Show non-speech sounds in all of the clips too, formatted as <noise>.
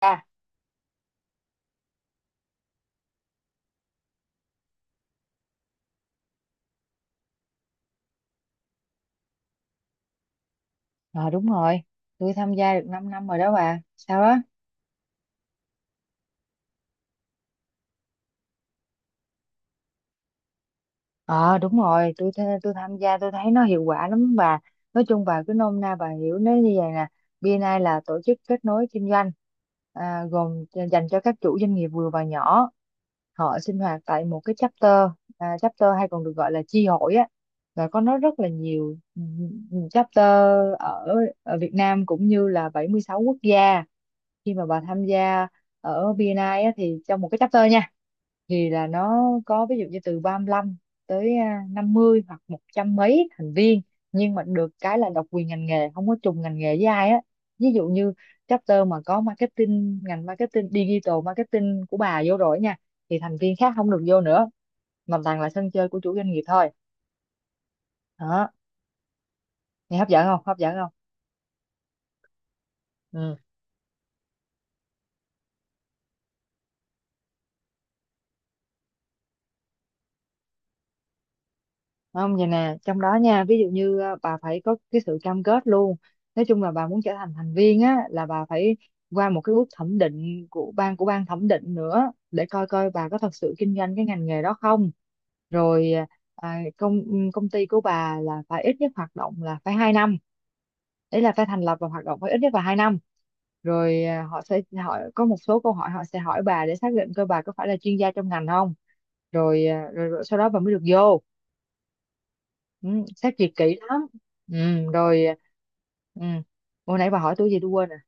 à, ờ, Đúng rồi, tôi tham gia được 5 năm rồi đó bà, sao đó. Ờ Đúng rồi, tôi tham gia, tôi thấy nó hiệu quả lắm bà. Nói chung bà cứ nôm na bà hiểu nó như vậy nè. BNI là tổ chức kết nối kinh doanh, à, gồm dành cho các chủ doanh nghiệp vừa và nhỏ. Họ sinh hoạt tại một cái chapter, chapter hay còn được gọi là chi hội á. Và có nó rất là nhiều, chapter ở, ở Việt Nam cũng như là 76 quốc gia. Khi mà bà tham gia ở BNI á, thì trong một cái chapter nha, thì là nó có ví dụ như từ 35 tới 50 hoặc 100 mấy thành viên, nhưng mà được cái là độc quyền ngành nghề, không có trùng ngành nghề với ai á. Ví dụ như chapter mà có marketing, ngành marketing digital marketing của bà vô rồi nha, thì thành viên khác không được vô nữa, mà toàn là sân chơi của chủ doanh nghiệp thôi. Đó, nghe hấp dẫn không, hấp dẫn không? Ừ. Không, vậy nè, trong đó nha, ví dụ như bà phải có cái sự cam kết luôn. Nói chung là bà muốn trở thành thành viên á là bà phải qua một cái bước thẩm định của ban thẩm định nữa để coi coi bà có thật sự kinh doanh cái ngành nghề đó không. Rồi, công ty của bà là phải ít nhất hoạt động là phải 2 năm. Đấy là phải thành lập và hoạt động phải ít nhất là 2 năm. Rồi, họ sẽ hỏi có một số câu hỏi, họ sẽ hỏi bà để xác định coi bà có phải là chuyên gia trong ngành không. Rồi, sau đó bà mới được vô. ừ, Xét duyệt kỹ lắm. Ừ, rồi. Ừ. Hồi nãy bà hỏi tôi gì tôi quên rồi.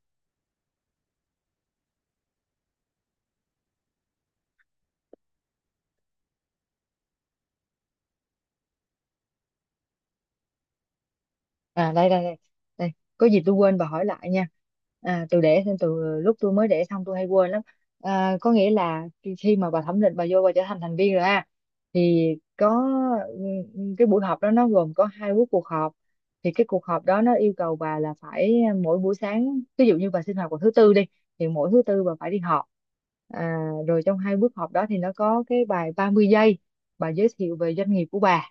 Đây đây đây, đây, có gì tôi quên bà hỏi lại nha. Tôi để thêm từ lúc tôi mới để xong tôi hay quên lắm. Có nghĩa là khi khi mà bà thẩm định bà vô bà trở thành thành viên rồi ha, thì có, ừ, cái buổi họp đó nó gồm có hai buổi cuộc họp. Thì cái cuộc họp đó nó yêu cầu bà là phải, mỗi buổi sáng ví dụ như bà sinh hoạt vào thứ tư đi, thì mỗi thứ tư bà phải đi họp. à, Rồi trong hai buổi họp đó thì nó có cái bài 30 giây, bà giới thiệu về doanh nghiệp của bà.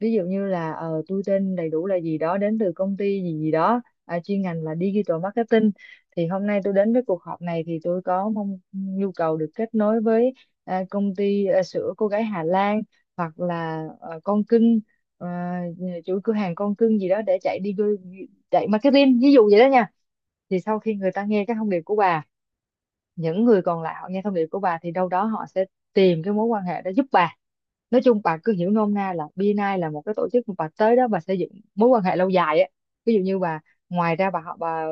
Ví dụ như là tôi tên đầy đủ là gì đó, đến từ công ty gì gì đó, chuyên ngành là digital marketing. Thì hôm nay tôi đến với cuộc họp này thì tôi có mong nhu cầu được kết nối với, công ty, sữa cô gái Hà Lan, hoặc là con cưng, ờ, chuỗi cửa hàng con cưng gì đó, để chạy marketing, ví dụ vậy đó nha. Thì sau khi người ta nghe cái thông điệp của bà, những người còn lại họ nghe thông điệp của bà thì đâu đó họ sẽ tìm cái mối quan hệ đó giúp bà. Nói chung bà cứ hiểu nôm na là BNI là một cái tổ chức mà bà tới đó bà xây dựng mối quan hệ lâu dài á. Ví dụ như bà, ngoài ra bà, họ bà,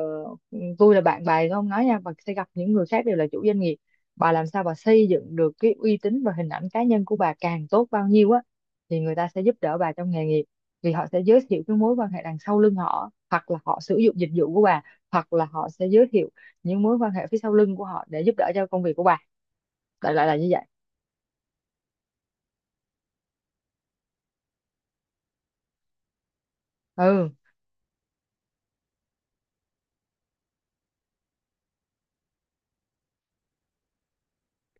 tôi là bạn bà không nói nha, bà sẽ gặp những người khác đều là chủ doanh nghiệp. Bà làm sao bà xây dựng được cái uy tín và hình ảnh cá nhân của bà càng tốt bao nhiêu á, thì người ta sẽ giúp đỡ bà trong nghề nghiệp, vì họ sẽ giới thiệu cái mối quan hệ đằng sau lưng họ, hoặc là họ sử dụng dịch vụ của bà, hoặc là họ sẽ giới thiệu những mối quan hệ phía sau lưng của họ để giúp đỡ cho công việc của bà. Đại loại là như vậy. Ừ.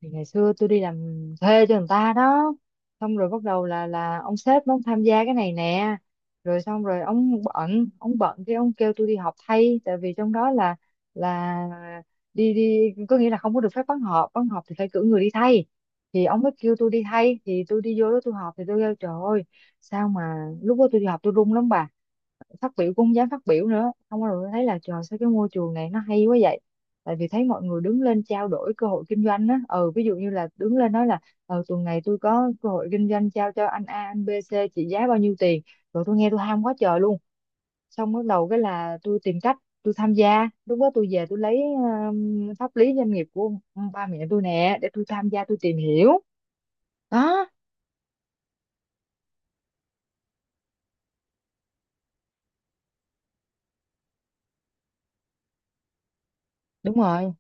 Thì ngày xưa tôi đi làm thuê cho người ta đó, xong rồi bắt đầu là ông sếp ông tham gia cái này nè, rồi xong rồi ông bận, ông bận cái ông kêu tôi đi họp thay, tại vì trong đó là, là đi đi có nghĩa là không có được phép vắng họp, vắng họp thì phải cử người đi thay. Thì ông mới kêu tôi đi thay, thì tôi đi vô đó tôi họp, thì tôi kêu trời ơi, sao mà lúc đó tôi đi họp tôi run lắm bà. Phát biểu cũng không dám phát biểu nữa, không có. Rồi thấy là trời sao cái môi trường này nó hay quá vậy, tại vì thấy mọi người đứng lên trao đổi cơ hội kinh doanh á, ví dụ như là đứng lên nói là, tuần này tôi có cơ hội kinh doanh trao cho anh A anh B C trị giá bao nhiêu tiền. Rồi tôi nghe tôi ham quá trời luôn, xong bắt đầu cái là tôi tìm cách tôi tham gia, lúc đó tôi về tôi lấy pháp lý doanh nghiệp của ba mẹ tôi nè để tôi tham gia tôi tìm hiểu. Đó. Đúng rồi,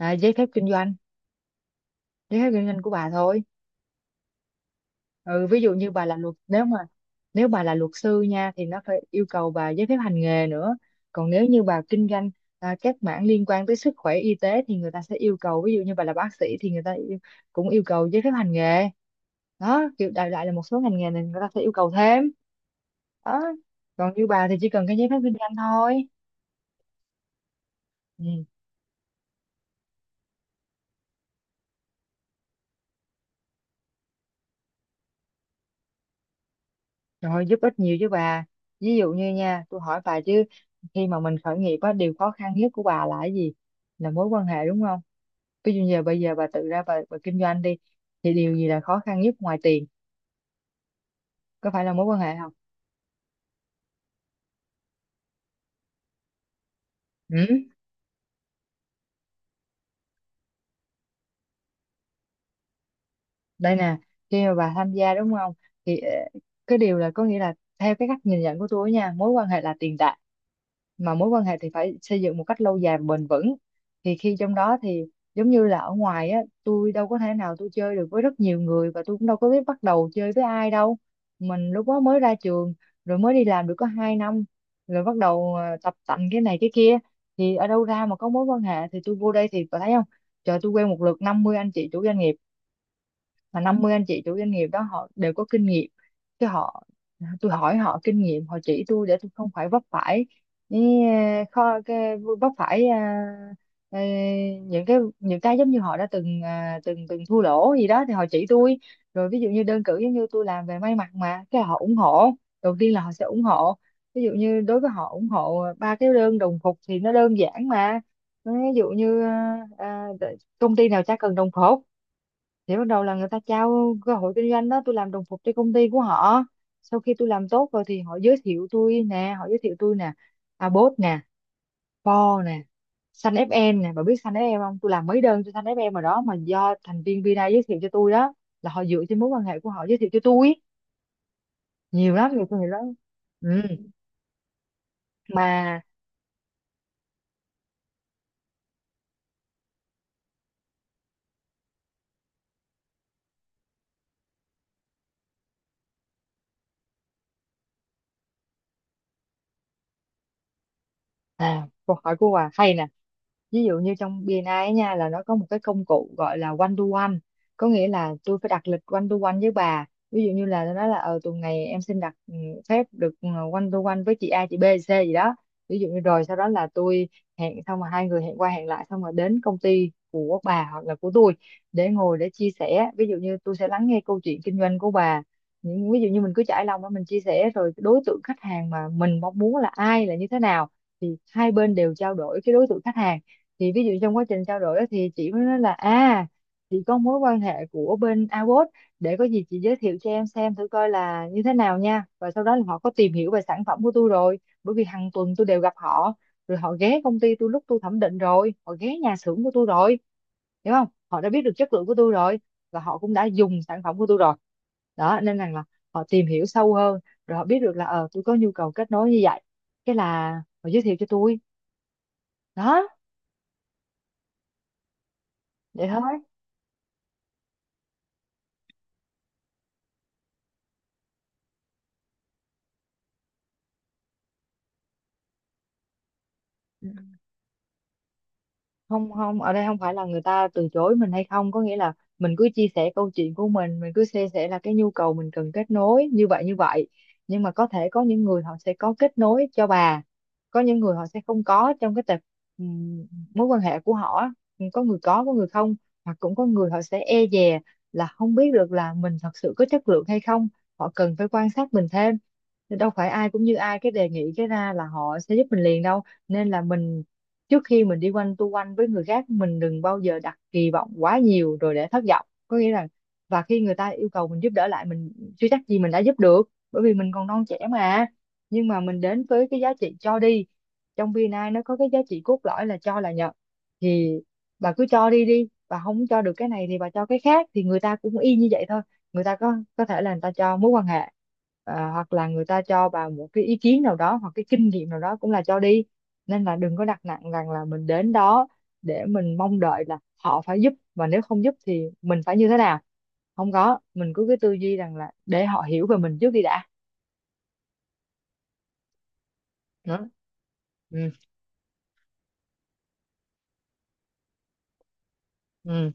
giấy phép kinh doanh, giấy phép kinh doanh của bà thôi. Ừ Ví dụ như bà là luật nếu mà nếu bà là luật sư nha thì nó phải yêu cầu bà giấy phép hành nghề nữa. Còn nếu như bà kinh doanh các mảng liên quan tới sức khỏe y tế thì người ta sẽ yêu cầu, ví dụ như bà là bác sĩ thì cũng yêu cầu giấy phép hành nghề. Đó, kiểu đại loại là một số ngành nghề này người ta sẽ yêu cầu thêm. Đó. Còn như bà thì chỉ cần cái giấy phép kinh doanh thôi. Ừ. Trời ơi, giúp ích nhiều chứ bà! Ví dụ như nha, tôi hỏi bà chứ, khi mà mình khởi nghiệp á, điều khó khăn nhất của bà là cái gì? Là mối quan hệ đúng không? Ví dụ giờ bây giờ bà tự ra bà kinh doanh đi, thì điều gì là khó khăn nhất ngoài tiền? Có phải là mối quan hệ không? Ừ? Đây nè, khi mà bà tham gia đúng không, thì cái điều là có nghĩa là theo cái cách nhìn nhận của tôi nha, mối quan hệ là tiền tệ. Mà mối quan hệ thì phải xây dựng một cách lâu dài và bền vững. Thì khi trong đó thì giống như là ở ngoài á, tôi đâu có thể nào tôi chơi được với rất nhiều người, và tôi cũng đâu có biết bắt đầu chơi với ai đâu. Mình lúc đó mới ra trường, rồi mới đi làm được có 2 năm, rồi bắt đầu tập tành cái này cái kia. Thì ở đâu ra mà có mối quan hệ? Thì tôi vô đây thì bà thấy không, trời tôi quen một lượt 50 anh chị chủ doanh nghiệp, mà 50 anh chị chủ doanh nghiệp đó họ đều có kinh nghiệm chứ. Họ, tôi hỏi họ kinh nghiệm họ chỉ tôi để tôi không phải vấp phải những, kho cái vấp phải, ờ, những cái giống như họ đã từng ờ, từng từng thua lỗ gì đó thì họ chỉ tôi. Rồi ví dụ như đơn cử, giống như tôi làm về may mặc mà cái họ ủng hộ đầu tiên là họ sẽ ủng hộ, ví dụ như đối với họ ủng hộ ba cái đơn đồng phục thì nó đơn giản mà. Ví dụ như ờ, công ty nào chả cần đồng phục. Thì bắt đầu là người ta trao cơ hội kinh doanh đó, tôi làm đồng phục cho công ty của họ. Sau khi tôi làm tốt rồi thì họ giới thiệu tôi nè, họ giới thiệu tôi nè, Abot nè, Paul nè, Sun FM nè, bà biết Sun FM không? Tôi làm mấy đơn cho Sun FM mà đó, mà do thành viên Vina giới thiệu cho tôi đó. Là họ dựa trên mối quan hệ của họ giới thiệu cho tôi. Nhiều lắm, nhiều người đó. Ừ. mà À, câu hỏi của Hòa hay nè. Ví dụ như trong BNI ấy nha, là nó có một cái công cụ gọi là one to one. Có nghĩa là tôi phải đặt lịch one to one với bà. Ví dụ như là nó nói là tuần này em xin đặt phép được one to one với chị A, chị B, C gì đó. Ví dụ như rồi sau đó là tôi hẹn xong rồi, hai người hẹn qua hẹn lại, xong rồi đến công ty của bà hoặc là của tôi để ngồi để chia sẻ. Ví dụ như tôi sẽ lắng nghe câu chuyện kinh doanh của bà, những ví dụ như mình cứ trải lòng đó, mình chia sẻ rồi đối tượng khách hàng mà mình mong muốn là ai, là như thế nào, thì hai bên đều trao đổi cái đối tượng khách hàng. Thì ví dụ trong quá trình trao đổi á, thì chị mới nói là à, chị có mối quan hệ của bên AWOS, để có gì chị giới thiệu cho em xem thử coi là như thế nào nha. Và sau đó là họ có tìm hiểu về sản phẩm của tôi rồi, bởi vì hàng tuần tôi đều gặp họ, rồi họ ghé công ty tôi lúc tôi thẩm định, rồi họ ghé nhà xưởng của tôi rồi, hiểu không? Họ đã biết được chất lượng của tôi rồi, và họ cũng đã dùng sản phẩm của tôi rồi. Đó, nên rằng là họ tìm hiểu sâu hơn, rồi họ biết được là tôi có nhu cầu kết nối như vậy, cái là họ giới thiệu cho tôi. Đó, vậy thôi. Không, không, ở đây không phải là người ta từ chối mình hay không, có nghĩa là mình cứ chia sẻ câu chuyện của mình cứ chia sẻ là cái nhu cầu mình cần kết nối như vậy như vậy. Nhưng mà có thể có những người họ sẽ có kết nối cho bà, có những người họ sẽ không có trong cái tập ừm, mối quan hệ của họ á. Có người có người không, hoặc cũng có người họ sẽ e dè, là không biết được là mình thật sự có chất lượng hay không, họ cần phải quan sát mình thêm. Thì đâu phải ai cũng như ai, cái đề nghị cái ra là họ sẽ giúp mình liền đâu. Nên là mình trước khi mình đi quanh tu quanh với người khác, mình đừng bao giờ đặt kỳ vọng quá nhiều rồi để thất vọng, có nghĩa là và khi người ta yêu cầu mình giúp đỡ lại, mình chưa chắc gì mình đã giúp được, bởi vì mình còn non trẻ mà. Nhưng mà mình đến với cái giá trị cho đi. Trong VNI nó có cái giá trị cốt lõi là cho là nhận. Thì bà cứ cho đi đi, bà không cho được cái này thì bà cho cái khác, thì người ta cũng y như vậy thôi. Người ta có thể là người ta cho mối quan hệ, à, hoặc là người ta cho bà một cái ý kiến nào đó, hoặc cái kinh nghiệm nào đó, cũng là cho đi. Nên là đừng có đặt nặng rằng là mình đến đó để mình mong đợi là họ phải giúp, và nếu không giúp thì mình phải như thế nào. Không có, mình cứ cái tư duy rằng là để họ hiểu về mình trước đi đã. Đó. Ừ. Ừ.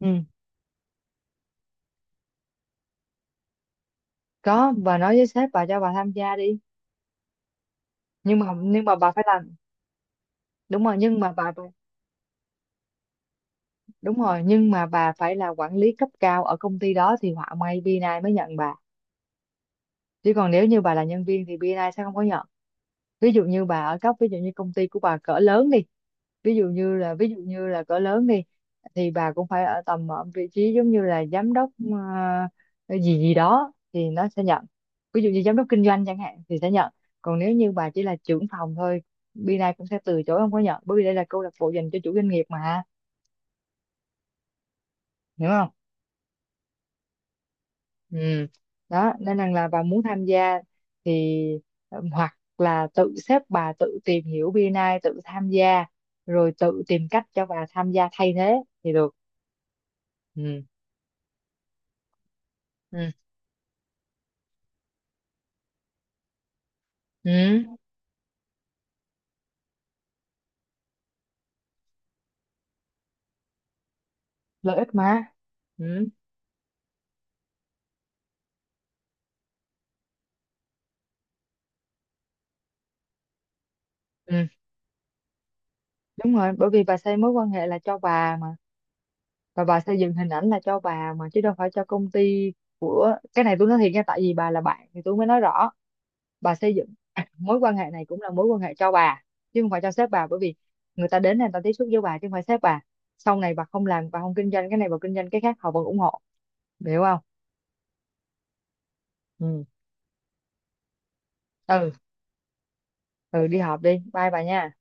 Ừ, có, bà nói với sếp bà cho bà tham gia đi. Nhưng mà bà phải làm. đúng rồi nhưng mà bà Đúng rồi, nhưng mà bà phải là quản lý cấp cao ở công ty đó thì họa may BNI mới nhận bà. Chứ còn nếu như bà là nhân viên thì BNI sẽ không có nhận. Ví dụ như công ty của bà cỡ lớn đi, ví dụ như là cỡ lớn đi, thì bà cũng phải ở vị trí giống như là giám đốc, ờ, gì gì đó thì nó sẽ nhận. Ví dụ như giám đốc kinh doanh chẳng hạn thì sẽ nhận. Còn nếu như bà chỉ là trưởng phòng thôi, bên này cũng sẽ từ chối không có nhận, bởi vì đây là câu lạc bộ dành cho chủ doanh nghiệp mà, hiểu không? Ừ. Đó, nên rằng là bà muốn tham gia thì hoặc là tự xếp bà tự tìm hiểu BNI, tự tham gia rồi tự tìm cách cho bà tham gia thay thế thì được. Ừ. Ừ. Ừ. Lợi ích mà. Ừ. Ừ. Đúng rồi, bởi vì bà xây mối quan hệ là cho bà mà, và bà xây dựng hình ảnh là cho bà mà, chứ đâu phải cho công ty. Cái này tôi nói thiệt nha, tại vì bà là bạn thì tôi mới nói rõ. Bà xây dựng <coughs> mối quan hệ này cũng là mối quan hệ cho bà, chứ không phải cho sếp bà, bởi vì người ta đến này người ta tiếp xúc với bà chứ không phải sếp bà. Sau này bà không làm, bà không kinh doanh cái này, bà kinh doanh cái khác, họ vẫn ủng hộ, hiểu không? Ừ. Ừ, ừ đi họp đi, bye bà nha.